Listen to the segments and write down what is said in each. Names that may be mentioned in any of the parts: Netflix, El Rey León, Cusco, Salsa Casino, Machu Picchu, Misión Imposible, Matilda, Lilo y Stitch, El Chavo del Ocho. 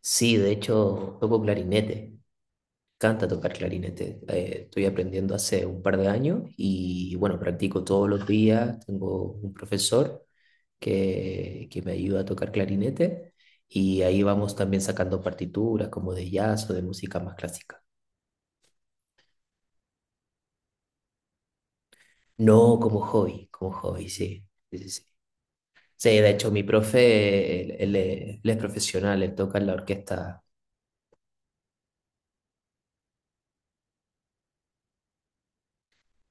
Sí, de hecho toco clarinete, canta tocar clarinete. Estoy aprendiendo hace un par de años y bueno, practico todos los días. Tengo un profesor que me ayuda a tocar clarinete y ahí vamos también sacando partituras como de jazz o de música más clásica. No, como hobby, como hobby, sí. Sí, sí, sí. Sí, de hecho mi profe, él es profesional, él toca en la orquesta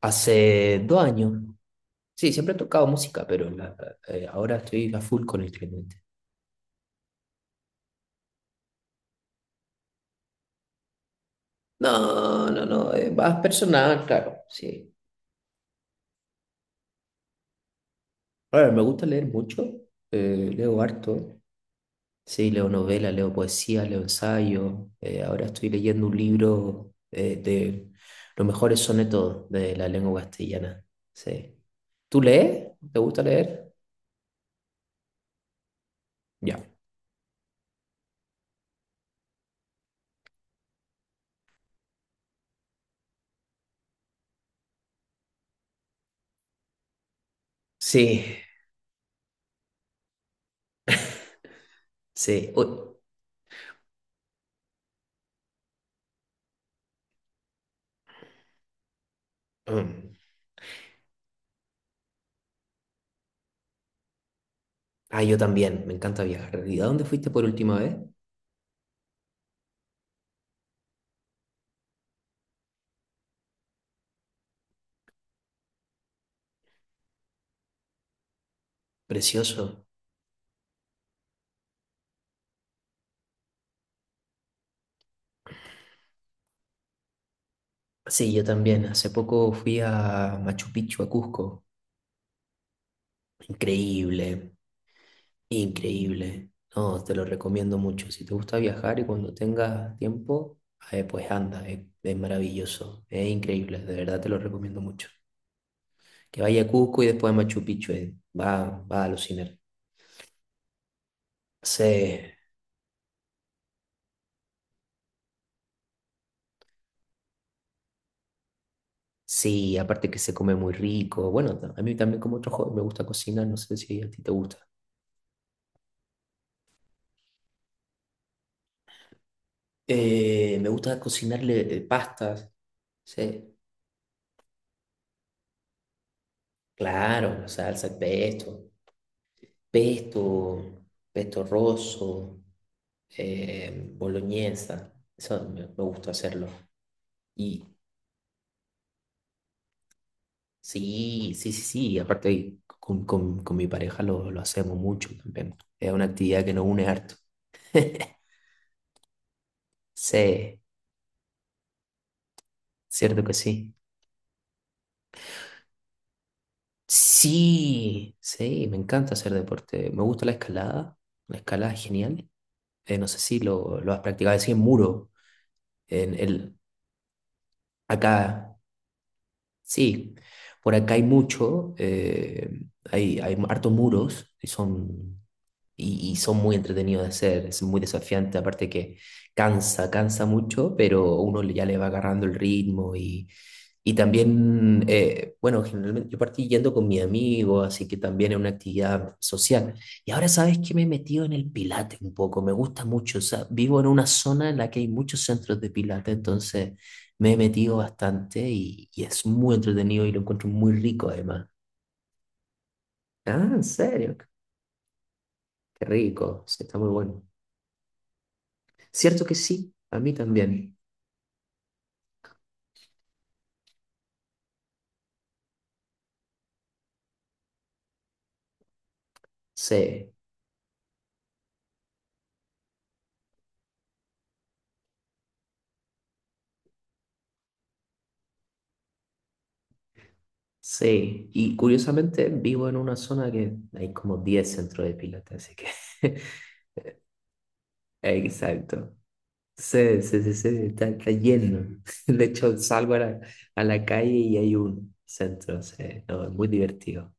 hace 2 años. Sí, siempre he tocado música, ahora estoy a full con el clemente. No, no, no, más personal, claro, sí. Ahora, me gusta leer mucho, leo harto. Sí, leo novela, leo poesía, leo ensayo. Ahora estoy leyendo un libro de los mejores sonetos de la lengua castellana. Sí. ¿Tú lees? ¿Te gusta leer? Ya. Sí, sí. Uy, mm. Ah, yo también, me encanta viajar. ¿Y a dónde fuiste por última vez? Precioso. Sí, yo también. Hace poco fui a Machu Picchu, a Cusco. Increíble, increíble. No, te lo recomiendo mucho. Si te gusta viajar y cuando tengas tiempo, pues anda, es maravilloso, es increíble, de verdad te lo recomiendo mucho. Que vaya a Cusco y después a Machu Picchu, va a alucinar. Sí, sí, aparte que se come muy rico. Bueno, a mí también como otro joven me gusta cocinar, no sé si a ti te gusta. Me gusta cocinarle pastas, sí. Claro, salsa, pesto, pesto, pesto rosso, boloñesa. Eso me gusta hacerlo. Y sí, sí, sí, sí. Aparte, con mi pareja lo hacemos mucho también. Es una actividad que nos une harto. Sí, cierto que sí. Sí, sí, me encanta hacer deporte. Me gusta la escalada. La escalada es genial. No sé si lo has practicado. Así en muro. En el, acá. Sí, por acá hay mucho, hay harto muros y son muy entretenidos de hacer, es muy desafiante, aparte que cansa mucho, pero ya le va agarrando el ritmo y también, bueno, generalmente yo partí yendo con mi amigo, así que también es una actividad social. Y ahora sabes que me he metido en el Pilates un poco, me gusta mucho, o sea, vivo en una zona en la que hay muchos centros de Pilates, entonces me he metido bastante y es muy entretenido y lo encuentro muy rico además. Ah, ¿en serio? Qué rico, sí, está muy bueno. Cierto que sí, a mí también. Sí, sí. Y curiosamente vivo en una zona que hay como 10 centros de pilates, así que... Exacto. Sí, sí, sí, sí, está, está lleno. De hecho, salgo a a la calle y hay un centro, sí. No, es muy divertido.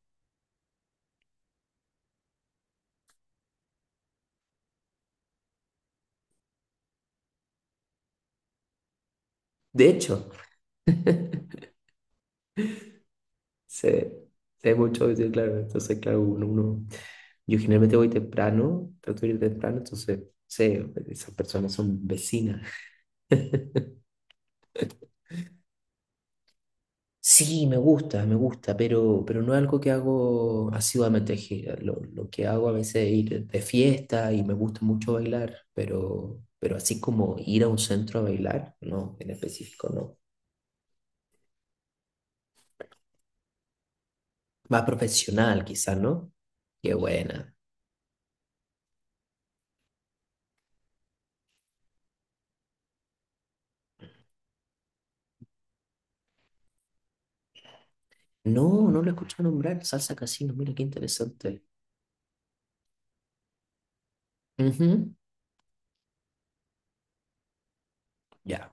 De hecho, sí, sí, mucho, sí, claro. Entonces, claro, yo generalmente voy temprano, trato de ir temprano, entonces, sí, esas personas son vecinas. Sí, me gusta, pero no es algo que hago asiduamente. Lo que hago a veces es ir de fiesta y me gusta mucho bailar, pero así como ir a un centro a bailar, no, en específico no. Más profesional quizás, ¿no? Qué buena. No, no lo he escuchado nombrar, Salsa Casino, mira qué interesante. Ujú, ya.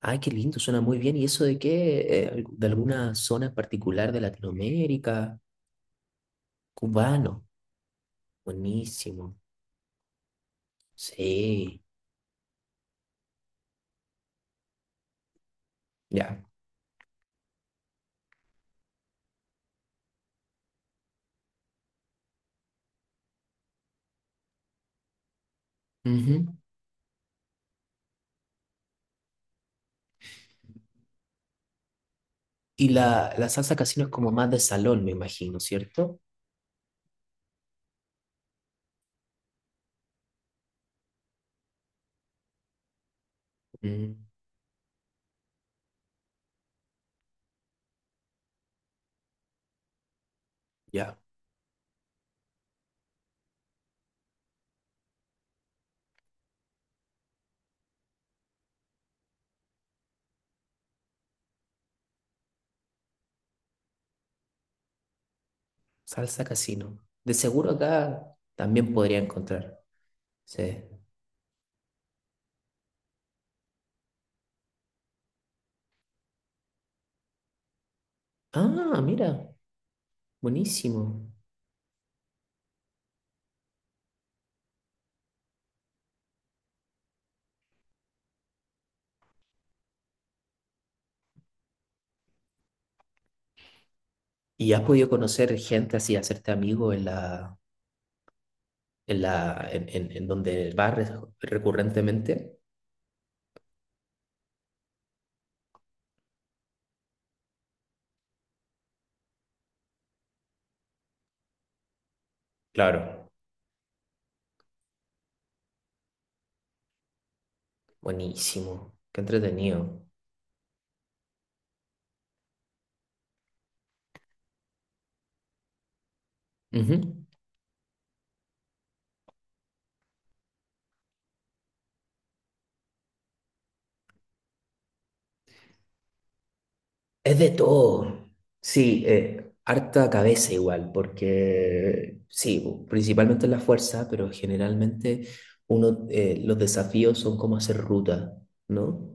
Ay, qué lindo, suena muy bien. ¿Y eso de qué? ¿De alguna zona en particular de Latinoamérica? Cubano. Buenísimo. Sí. Ya. Ujú. Y la salsa casino es como más de salón, me imagino, ¿cierto? Mm, ya. Salsa casino. De seguro acá también podría encontrar. Sí. Ah, mira. Buenísimo. ¿Y has podido conocer gente así, hacerte amigo en en donde vas recurrentemente? Claro. Buenísimo. Qué entretenido. Ujú. Es de todo. Sí, harta cabeza igual, porque sí, principalmente la fuerza, pero generalmente uno, los desafíos son como hacer ruta, ¿no?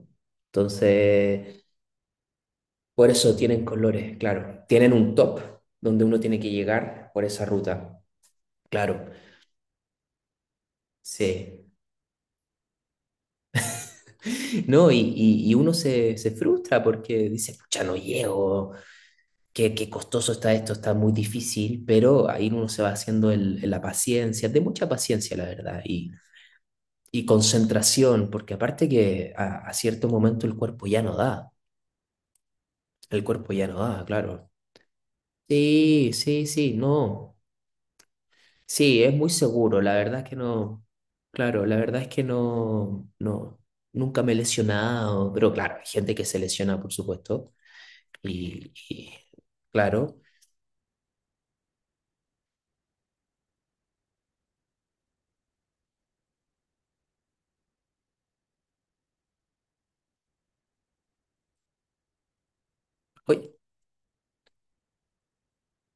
Entonces, por eso tienen colores, claro. Tienen un top donde uno tiene que llegar por esa ruta, claro. Sí. No, y uno se frustra porque dice, pucha, no llego, qué costoso está esto, está muy difícil, pero ahí uno se va haciendo la paciencia, de mucha paciencia, la verdad, y concentración, porque aparte que a cierto momento el cuerpo ya no da, el cuerpo ya no da, claro. Sí, sí, sí, no. Sí, es muy seguro, la verdad es que no. Claro, la verdad es que no, no, nunca me he lesionado, pero claro, hay gente que se lesiona, por supuesto, y claro. Oye,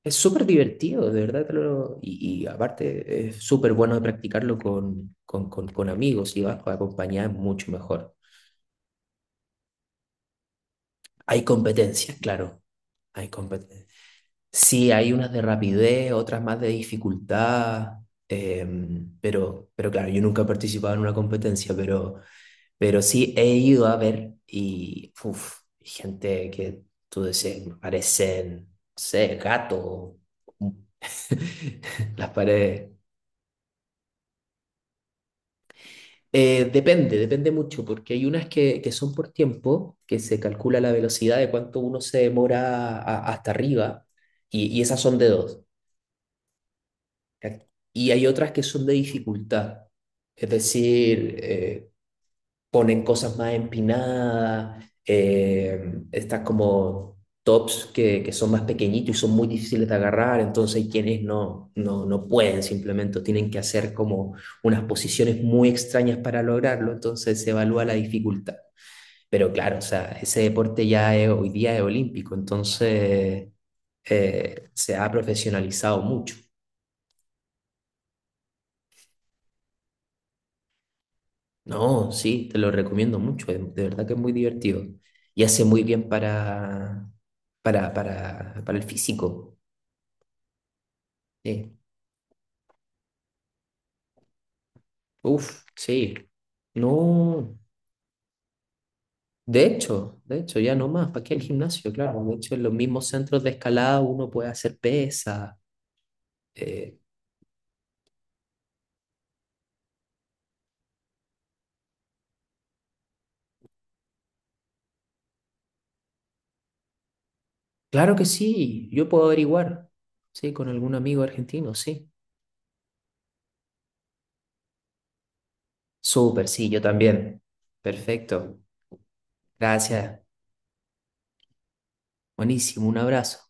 es súper divertido, de verdad. Y aparte, es súper bueno de practicarlo con amigos y vas acompañada, es mucho mejor. Hay competencias, claro. Hay competencias. Sí, hay unas de rapidez, otras más de dificultad. Pero claro, yo nunca he participado en una competencia, pero sí he ido a ver y uf, gente que tú decías, parecen, no sé, gato, las paredes. Depende, depende mucho, porque hay unas que son por tiempo, que se calcula la velocidad de cuánto uno se demora hasta arriba, y esas son de dos. ¿ca- Y hay otras que son de dificultad, es decir, ponen cosas más empinadas, estas como tops que son más pequeñitos y son muy difíciles de agarrar, entonces hay quienes no, no, no pueden simplemente, tienen que hacer como unas posiciones muy extrañas para lograrlo, entonces se evalúa la dificultad. Pero claro, o sea, ese deporte hoy día es olímpico, entonces se ha profesionalizado mucho. No, sí, te lo recomiendo mucho, de verdad que es muy divertido y hace muy bien para el físico. eh. Uf, sí. No, de hecho, ya no más, ¿para qué el gimnasio? Claro, de hecho, en los mismos centros de escalada uno puede hacer pesa. eh, claro que sí, yo puedo averiguar, sí, con algún amigo argentino, sí. Súper, sí, yo también. Perfecto, gracias, buenísimo, un abrazo.